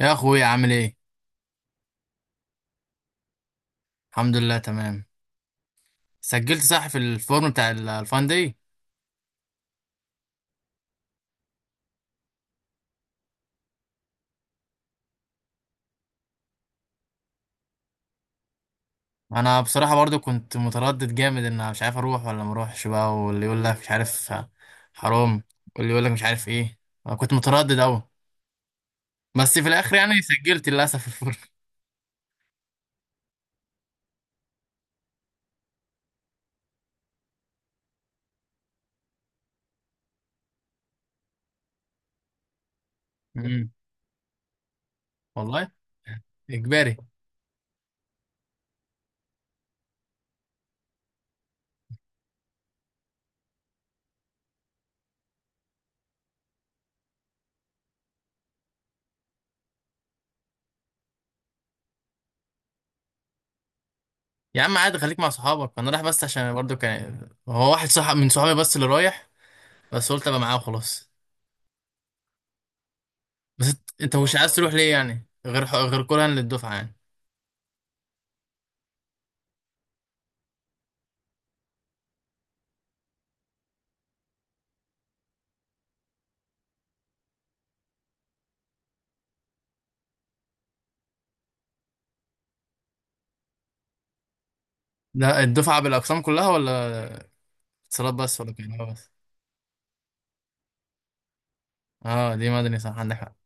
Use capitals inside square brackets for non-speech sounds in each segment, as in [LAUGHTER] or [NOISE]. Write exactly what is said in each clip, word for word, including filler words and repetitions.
يا اخويا عامل ايه؟ الحمد لله تمام. سجلت صح في الفورم بتاع ال- الفان دي. انا بصراحه برضو كنت متردد جامد ان أنا مش عارف اروح ولا ما اروحش بقى. واللي يقول لك مش عارف حرام. واللي يقول لك مش عارف ايه. انا كنت متردد قوي. بس في الاخر يعني سجلت للاسف في الفورم. [LAUGHS] أمم. والله اجباري. يا عم عادي خليك مع صحابك، انا رايح بس عشان برضو كان هو واحد صاحب من صحابي بس اللي رايح. بس قلت ابقى معاه وخلاص. بس انت أنت مش عايز اه تروح ليه يعني، غير غير كرها للدفعه يعني. ده الدفعة بالأقسام كلها، ولا اتصالات بس، ولا كهرباء بس؟ اه، دي مدني، صح عندك حق.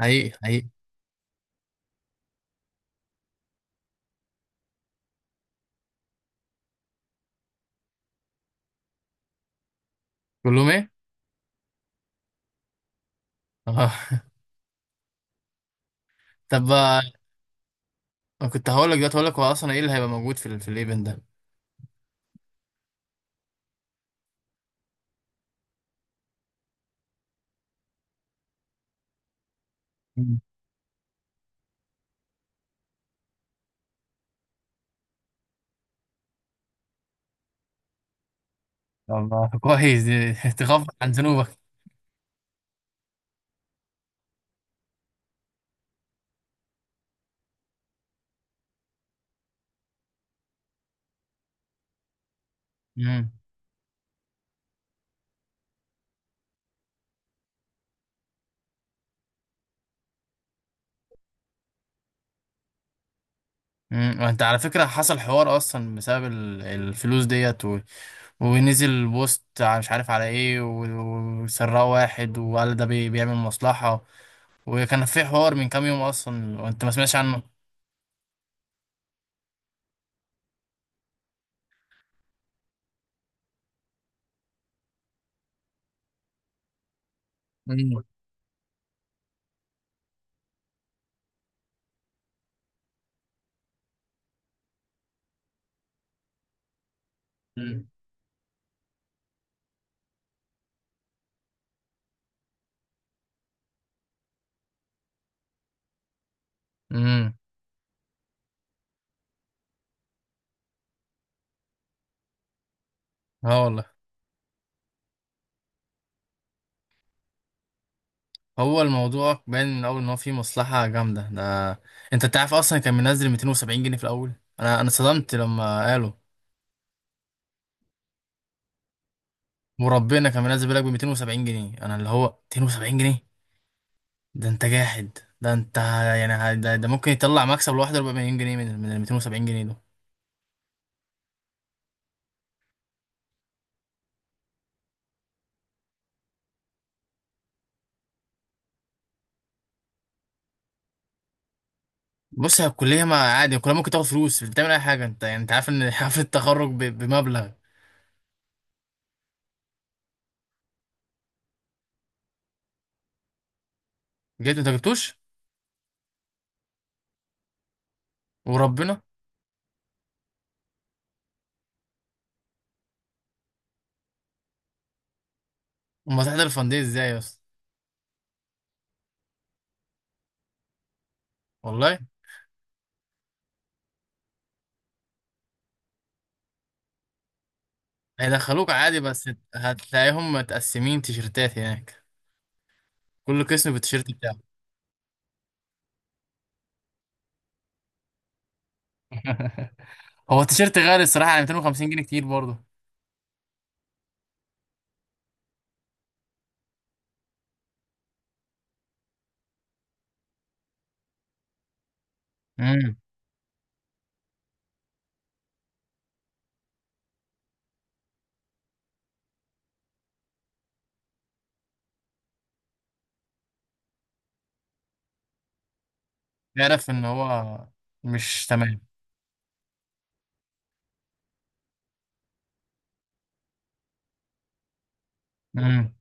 حقيقي حقيقي. كلهم ايه؟ اه. [LAUGHS] طب آه، أنا كنت هقول لك دلوقتي، هقول لك هو أصلا ايه اللي هيبقى موجود في ال- في الايفنت ده؟ مم. الله، كويس دي، [LAUGHS] تخفف عن ذنوبك. امم امم وانت على فكرة حصل حوار أصلا بسبب ال- الفلوس ديت، و... ونزل بوست، ع- مش عارف على ايه، و- وسرقه واحد وقال ده بي... بيعمل مصلحة، وكان في حوار من كام يوم أصلا وانت ما سمعتش عنه. مم. امم. اه والله. هو الموضوع باين من الاول ان هو فيه مصلحه جامده ده. انت تعرف اصلا كان منزل مئتين وسبعين جنيه في الاول. انا انا صدمت لما قالوا. وربنا كان منزل بالك ب مئتين وسبعين جنيه، انا اللي هو مئتين وسبعين جنيه، ده انت جاحد ده انت. يعني ه- ده, ده ممكن يطلع مكسب لوحده أربعة مليون جنيه من من ال مئتين وسبعين جنيه دول. بص، هي الكليه ما عادي، الكليه ممكن تاخد فلوس، مش بتعمل اي حاجه انت؟ يعني انت عارف ان [LAUGHS] حفله التخرج ب- بمبلغ. جبت انت جبتوش؟ وربنا. امال هتحضر الفندق ازاي يا اسطى؟ والله. هيدخلوك عادي، بس هتلاقيهم متقسمين تيشرتات هناك، كل قسم بالتيشيرت بتاعه. هو التيشيرت غالي الصراحة يعني، مئتين وخمسين جنيه كتير برضه. امم. تعرف ان هو مش تمام. امم.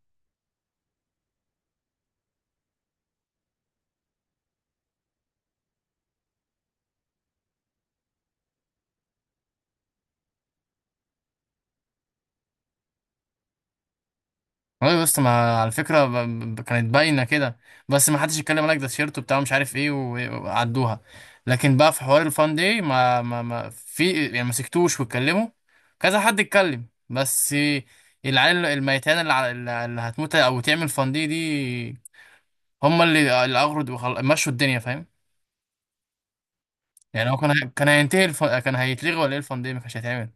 والله بس ما على فكرة ب... ب... كانت باينة كده. بس ما حدش يتكلم، لك ده تيشيرته بتاع مش عارف ايه و- وعدوها. لكن بقى في حوار الفان دي ما ما, ما في يعني، ما سكتوش واتكلموا. كذا حد اتكلم، بس العيال الميتان اللي, على- اللي هتموت او تعمل فان دي دي، هم اللي اللي اغرض وخل... مشوا الدنيا فاهم. يعني هو كان هي... كان هينتهي الف... كان هيتلغي ولا ايه؟ الفان دي ما كانش هيتعمل.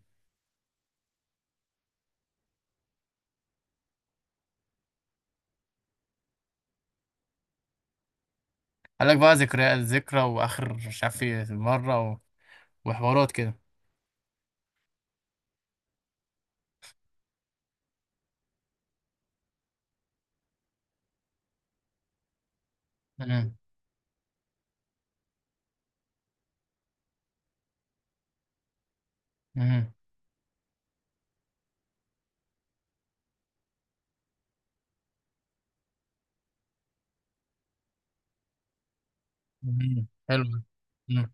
قال لك بقى ذكرى الذكرى واخر مش عارف ايه مره و... وحوارات كده. مم. مم. مم. حلو. مم.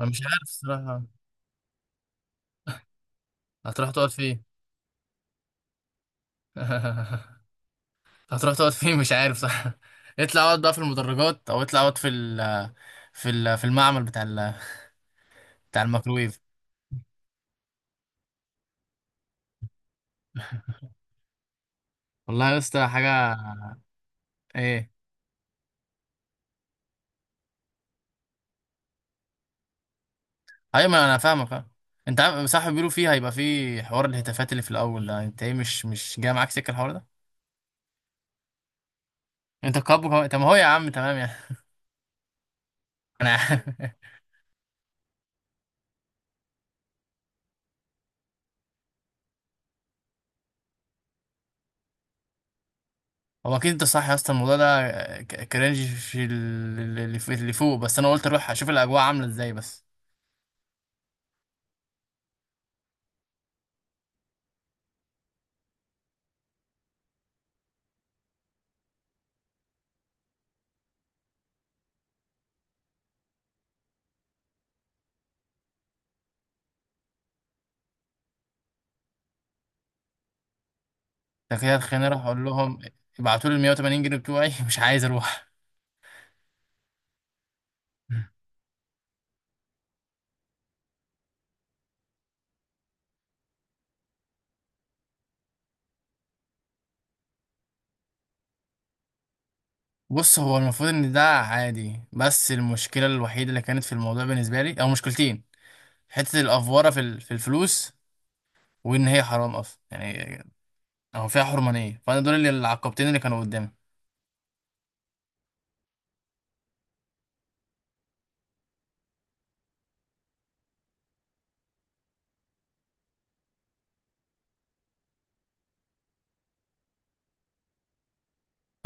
انا مش عارف الصراحه. هتروح تقعد فين؟ [LAUGHS] هتروح تقعد فين؟ مش عارف صح. اطلع اقعد بقى في المدرجات، او اطلع اقعد في ال... في ال... في المعمل بتاع ال... بتاع الميكروويف. والله يا اسطى حاجه. ايه؟ ايوه ما انا فاهمك اه. انت عارف، صح، بيقولوا فيه هيبقى فيه حوار الهتافات اللي في الاول ده، انت ايه مش مش جاي معاك سكه الحوار ده؟ انت كابو هو... طب ما هو يا عم تمام يعني. [LAUGHS] انا عارف. هو اكيد انت صح يا اسطى، الموضوع ده ك- كرنج في ال- اللي في- اللي فوق، بس انا قلت اروح اشوف الاجواء عامله ازاي بس. تخيل خليني اروح اقول لهم ابعتوا لي ال مية وتمانين جنيه بتوعي. [LAUGHS] مش عايز اروح. [LAUGHS] بص، هو المفروض ان ده عادي، بس المشكله الوحيده اللي كانت في الموضوع بالنسبه لي، او مشكلتين، حته الافوره في ال- في الفلوس، وان هي حرام اصلا يعني، أو فيها حرمانية، فأنا دول اللي العقبتين اللي كانوا قدامي.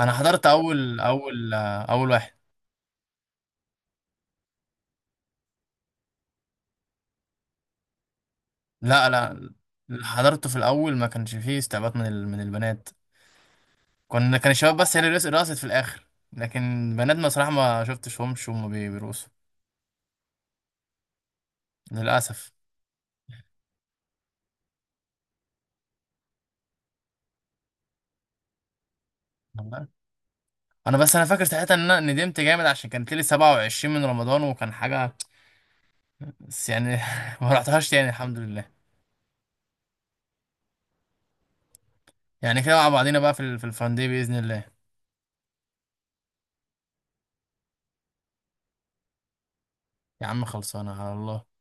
أنا حضرت أول أول آه، أول واحد. لا لا. اللي حضرته في الأول ما كانش فيه استعباط من ال... من البنات. كنا كان الشباب بس، هي اللي رقص- رقصت في الآخر. لكن بنات ما صراحة ما شفتش وهم بي- بيرقصوا. للأسف. والله. أنا بس أنا فاكر ساعتها إن أنا ندمت جامد، عشان كانت لي سبعة وعشرين من رمضان وكان حاجة بس يعني. [LAUGHS] ما رحتهاش تاني الحمد لله. يعني كده مع بعضينا بقى في ال... في الفان دي بإذن الله. يا عم خلصانة على الله.